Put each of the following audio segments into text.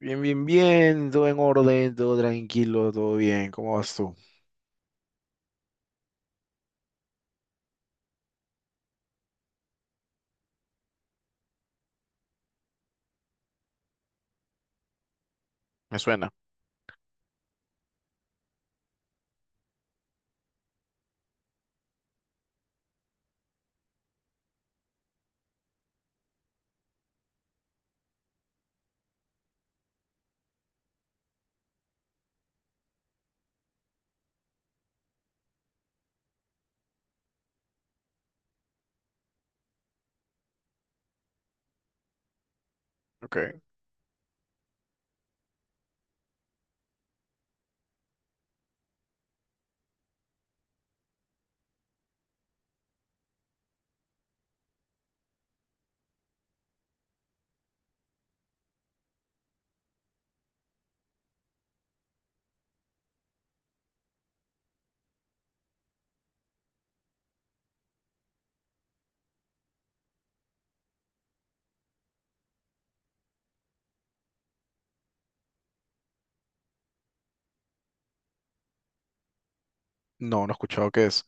Bien, bien, bien, todo en orden, todo tranquilo, todo bien. ¿Cómo vas tú? Me suena. Ok. No, no he escuchado qué es.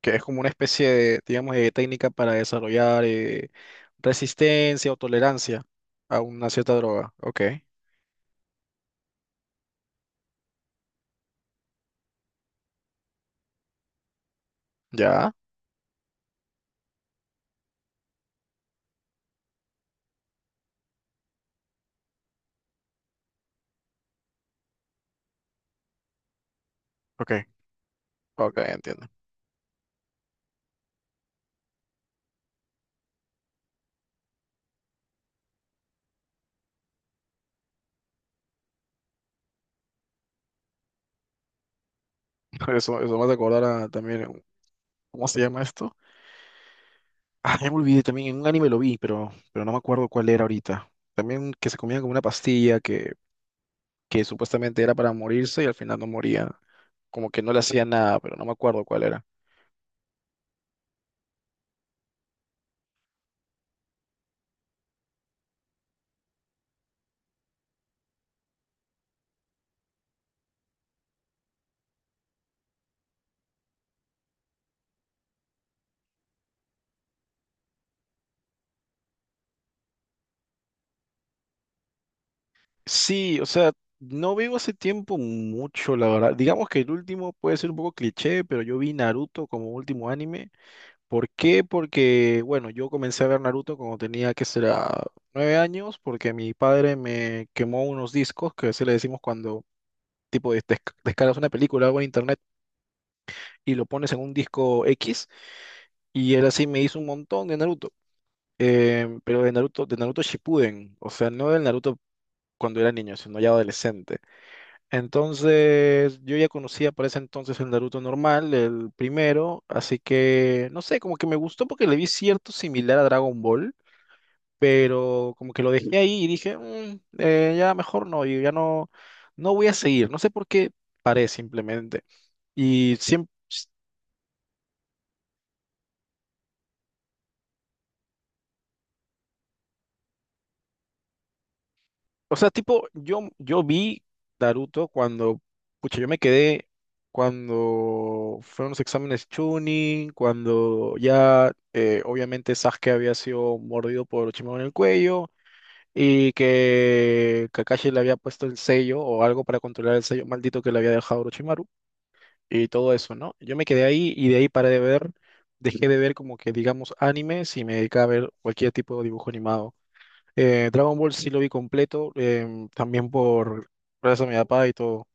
Que es como una especie de, digamos, de técnica para desarrollar resistencia o tolerancia a una cierta droga. Ok. ¿Ya? Ok. Ok, entiendo. Eso me hace acordar a, también, ¿cómo se llama esto? Ah, ya me olvidé también, en un anime lo vi, pero no me acuerdo cuál era ahorita. También que se comían como una pastilla que supuestamente era para morirse y al final no moría. Como que no le hacía nada, pero no me acuerdo cuál era. Sí, o sea, no veo hace tiempo mucho, la verdad. Digamos que el último puede ser un poco cliché, pero yo vi Naruto como último anime. ¿Por qué? Porque, bueno, yo comencé a ver Naruto cuando tenía, que será, nueve años, porque mi padre me quemó unos discos, que se le decimos cuando, tipo, descargas una película o en internet y lo pones en un disco X, y él así me hizo un montón de Naruto. Pero de Naruto Shippuden, o sea, no del Naruto cuando era niño, sino ya adolescente. Entonces, yo ya conocía para ese entonces el Naruto normal, el primero, así que, no sé, como que me gustó porque le vi cierto similar a Dragon Ball, pero como que lo dejé ahí y dije, "Mm, ya mejor no, y ya no, no voy a seguir, no sé por qué paré simplemente. Y siempre... O sea, tipo, yo vi Naruto cuando, pucha, yo me quedé cuando fueron los exámenes Chunin, cuando ya obviamente Sasuke había sido mordido por Orochimaru en el cuello y que Kakashi le había puesto el sello o algo para controlar el sello maldito que le había dejado Orochimaru y todo eso, ¿no? Yo me quedé ahí y de ahí paré de ver, dejé de ver como que digamos animes y me dediqué a ver cualquier tipo de dibujo animado. Dragon Ball sí lo vi completo, también por gracias a mi papá y todo.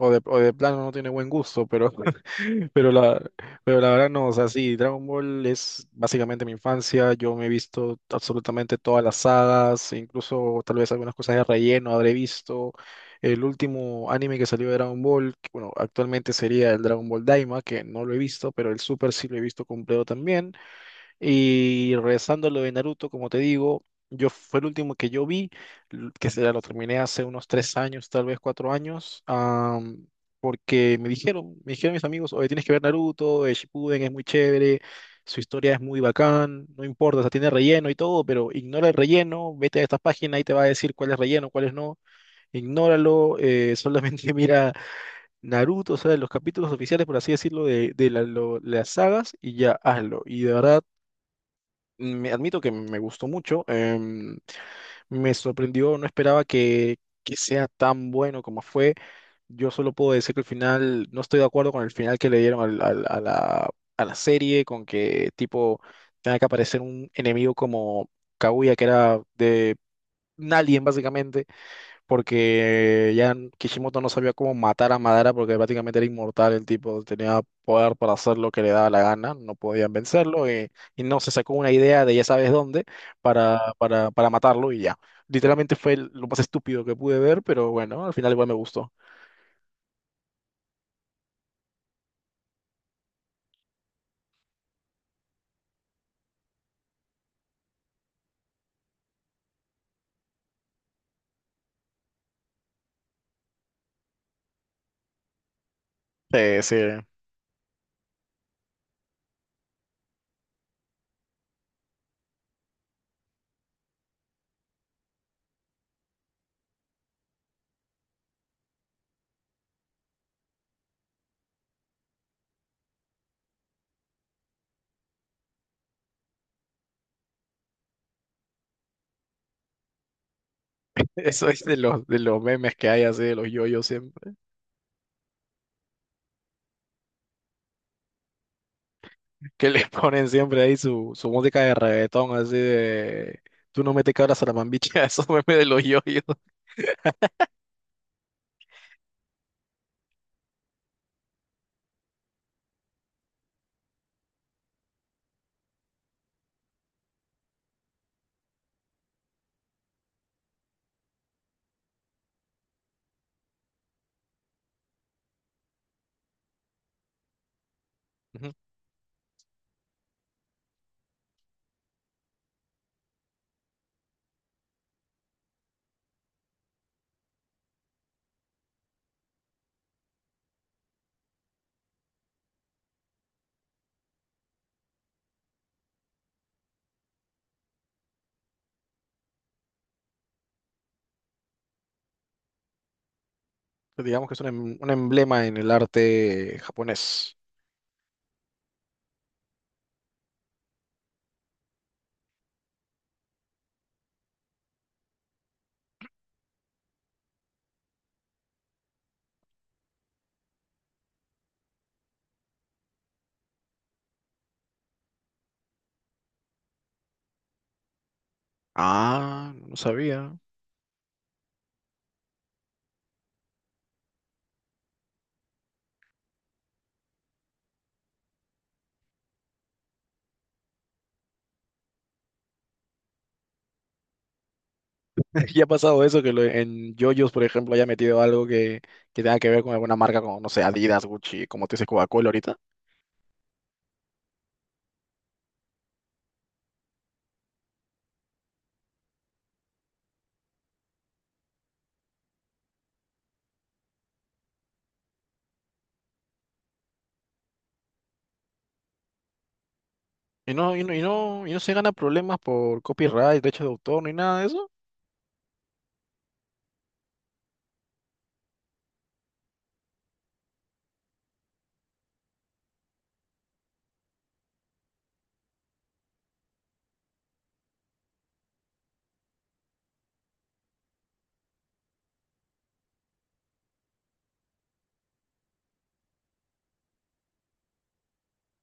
O de plano no tiene buen gusto, pero, pero, la, pero la verdad no, o sea, sí, Dragon Ball es básicamente mi infancia, yo me he visto absolutamente todas las sagas, incluso tal vez algunas cosas de relleno habré visto. El último anime que salió de Dragon Ball, que, bueno, actualmente sería el Dragon Ball Daima, que no lo he visto, pero el Super sí lo he visto completo también. Y regresando a lo de Naruto, como te digo, yo fue el último que yo vi, que será, lo terminé hace unos tres años, tal vez cuatro años, porque me dijeron mis amigos, oye, tienes que ver Naruto, Shippuden es muy chévere, su historia es muy bacán, no importa, o sea, tiene relleno y todo, pero ignora el relleno, vete a esta página y te va a decir cuál es relleno, cuál es no, ignóralo, solamente mira Naruto, o sea, los capítulos oficiales, por así decirlo, de, las sagas y ya hazlo. Y de verdad me admito que me gustó mucho. Me sorprendió, no esperaba que sea tan bueno como fue. Yo solo puedo decir que el final, no estoy de acuerdo con el final que le dieron a la serie, con que tipo tenga que aparecer un enemigo como Kaguya, que era de un alien básicamente porque ya Kishimoto no sabía cómo matar a Madara porque prácticamente era inmortal el tipo, tenía poder para hacer lo que le daba la gana, no podían vencerlo y, no se sacó una idea de ya sabes dónde para matarlo y ya. Literalmente fue lo más estúpido que pude ver, pero bueno, al final igual me gustó. Sí, eso es de los memes que hay así, de los yoyos siempre, que les ponen siempre ahí su, su música de reggaetón así de... Tú no me te cabras a la mambicha, esos memes de los yoyos. Digamos que es un, un emblema en el arte japonés. Ah, no sabía. Ya ha pasado eso, en JoJo's, por ejemplo, haya metido algo que tenga que ver con alguna marca como, no sé, Adidas, Gucci, como te dice Coca-Cola ahorita. Y no se gana problemas por copyright, derechos de autor, ni nada de eso.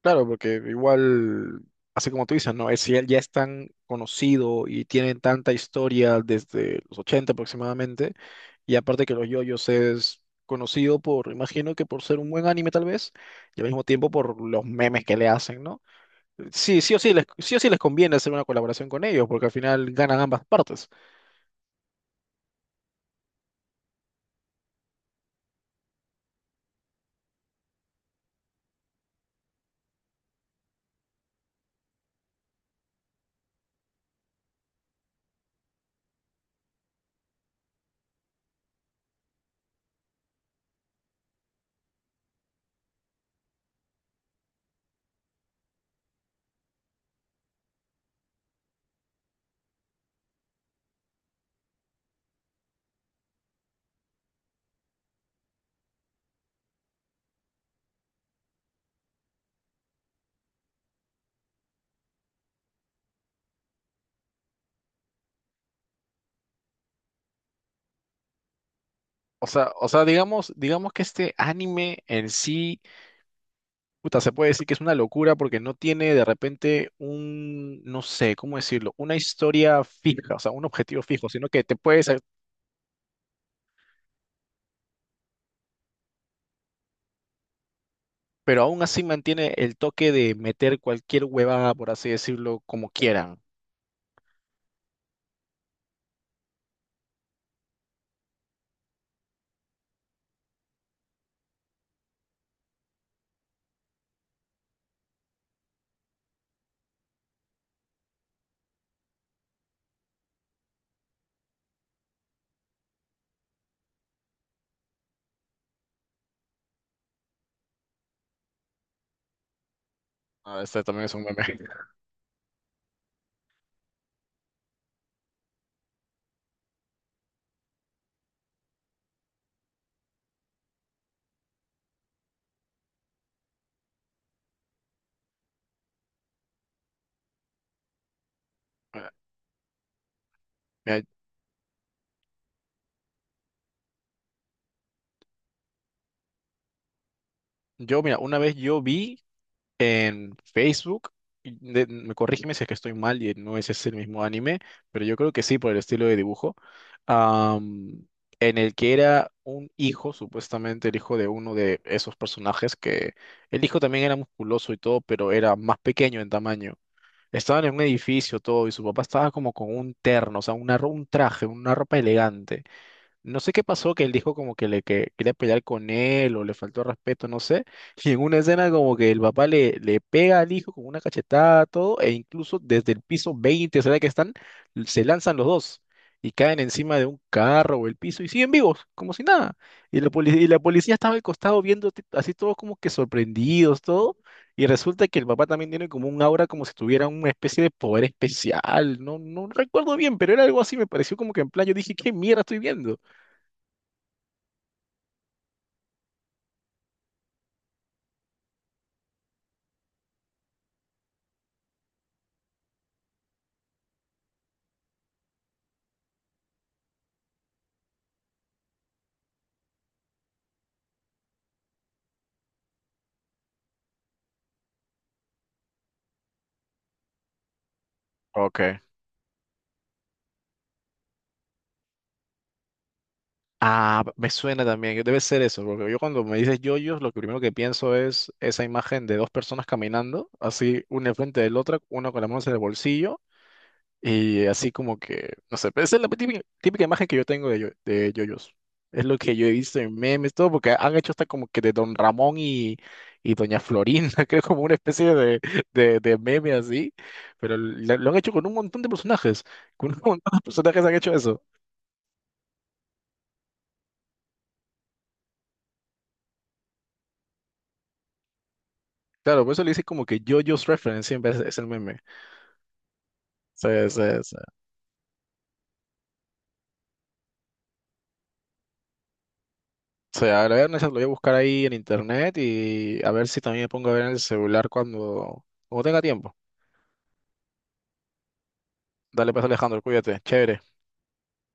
Claro, porque igual, así como tú dices, ¿no? Es, si él ya es tan conocido y tiene tanta historia desde los 80 aproximadamente. Y aparte que los yoyos es conocido por, imagino que por ser un buen anime tal vez, y al mismo tiempo por los memes que le hacen, ¿no? Sí, sí o sí les conviene hacer una colaboración con ellos, porque al final ganan ambas partes. Digamos, digamos que este anime en sí, puta, se puede decir que es una locura porque no tiene de repente un, no sé, ¿cómo decirlo? Una historia fija, o sea, un objetivo fijo, sino que te puedes, pero aún así mantiene el toque de meter cualquier huevada, por así decirlo, como quieran. Ah, este también es un meme. Mira, mira, una vez yo vi en Facebook, y me corrígeme si es que estoy mal y no ese es el mismo anime, pero yo creo que sí por el estilo de dibujo, am, en el que era un hijo, supuestamente el hijo de uno de esos personajes, que el hijo también era musculoso y todo, pero era más pequeño en tamaño. Estaban en un edificio todo y su papá estaba como con un terno, o sea, una, un traje, una ropa elegante. No sé qué pasó, que él dijo como que le que quería pelear con él o le faltó respeto, no sé. Y en una escena como que el papá le pega al hijo con una cachetada, todo, e incluso desde el piso 20, será que están, se lanzan los dos y caen encima de un carro o el piso y siguen vivos, como si nada. Y la policía estaba al costado viendo así todos como que sorprendidos, todo. Y resulta que el papá también tiene como un aura como si tuviera una especie de poder especial. No, no recuerdo bien, pero era algo así, me pareció como que en plan yo dije, ¿qué mierda estoy viendo? Ok. Ah, me suena también, debe ser eso, porque yo cuando me dices yoyos, lo que primero que pienso es esa imagen de dos personas caminando, así una enfrente de la otra, una con las manos en el bolsillo, y así como que, no sé, pero esa es la típica, típica imagen que yo tengo de, de yoyos. Es lo que yo he visto en memes, todo, porque han hecho hasta como que de Don Ramón y Doña Florinda, creo como una especie de, de meme así, pero lo han hecho con un montón de personajes, con un montón de personajes han hecho eso. Claro, por eso le dice como que JoJo's Reference siempre es el meme. Se, se, se, se agregan esas lo voy a buscar ahí en internet y a ver si también me pongo a ver en el celular cuando, cuando tenga tiempo. Dale pues Alejandro, cuídate, chévere.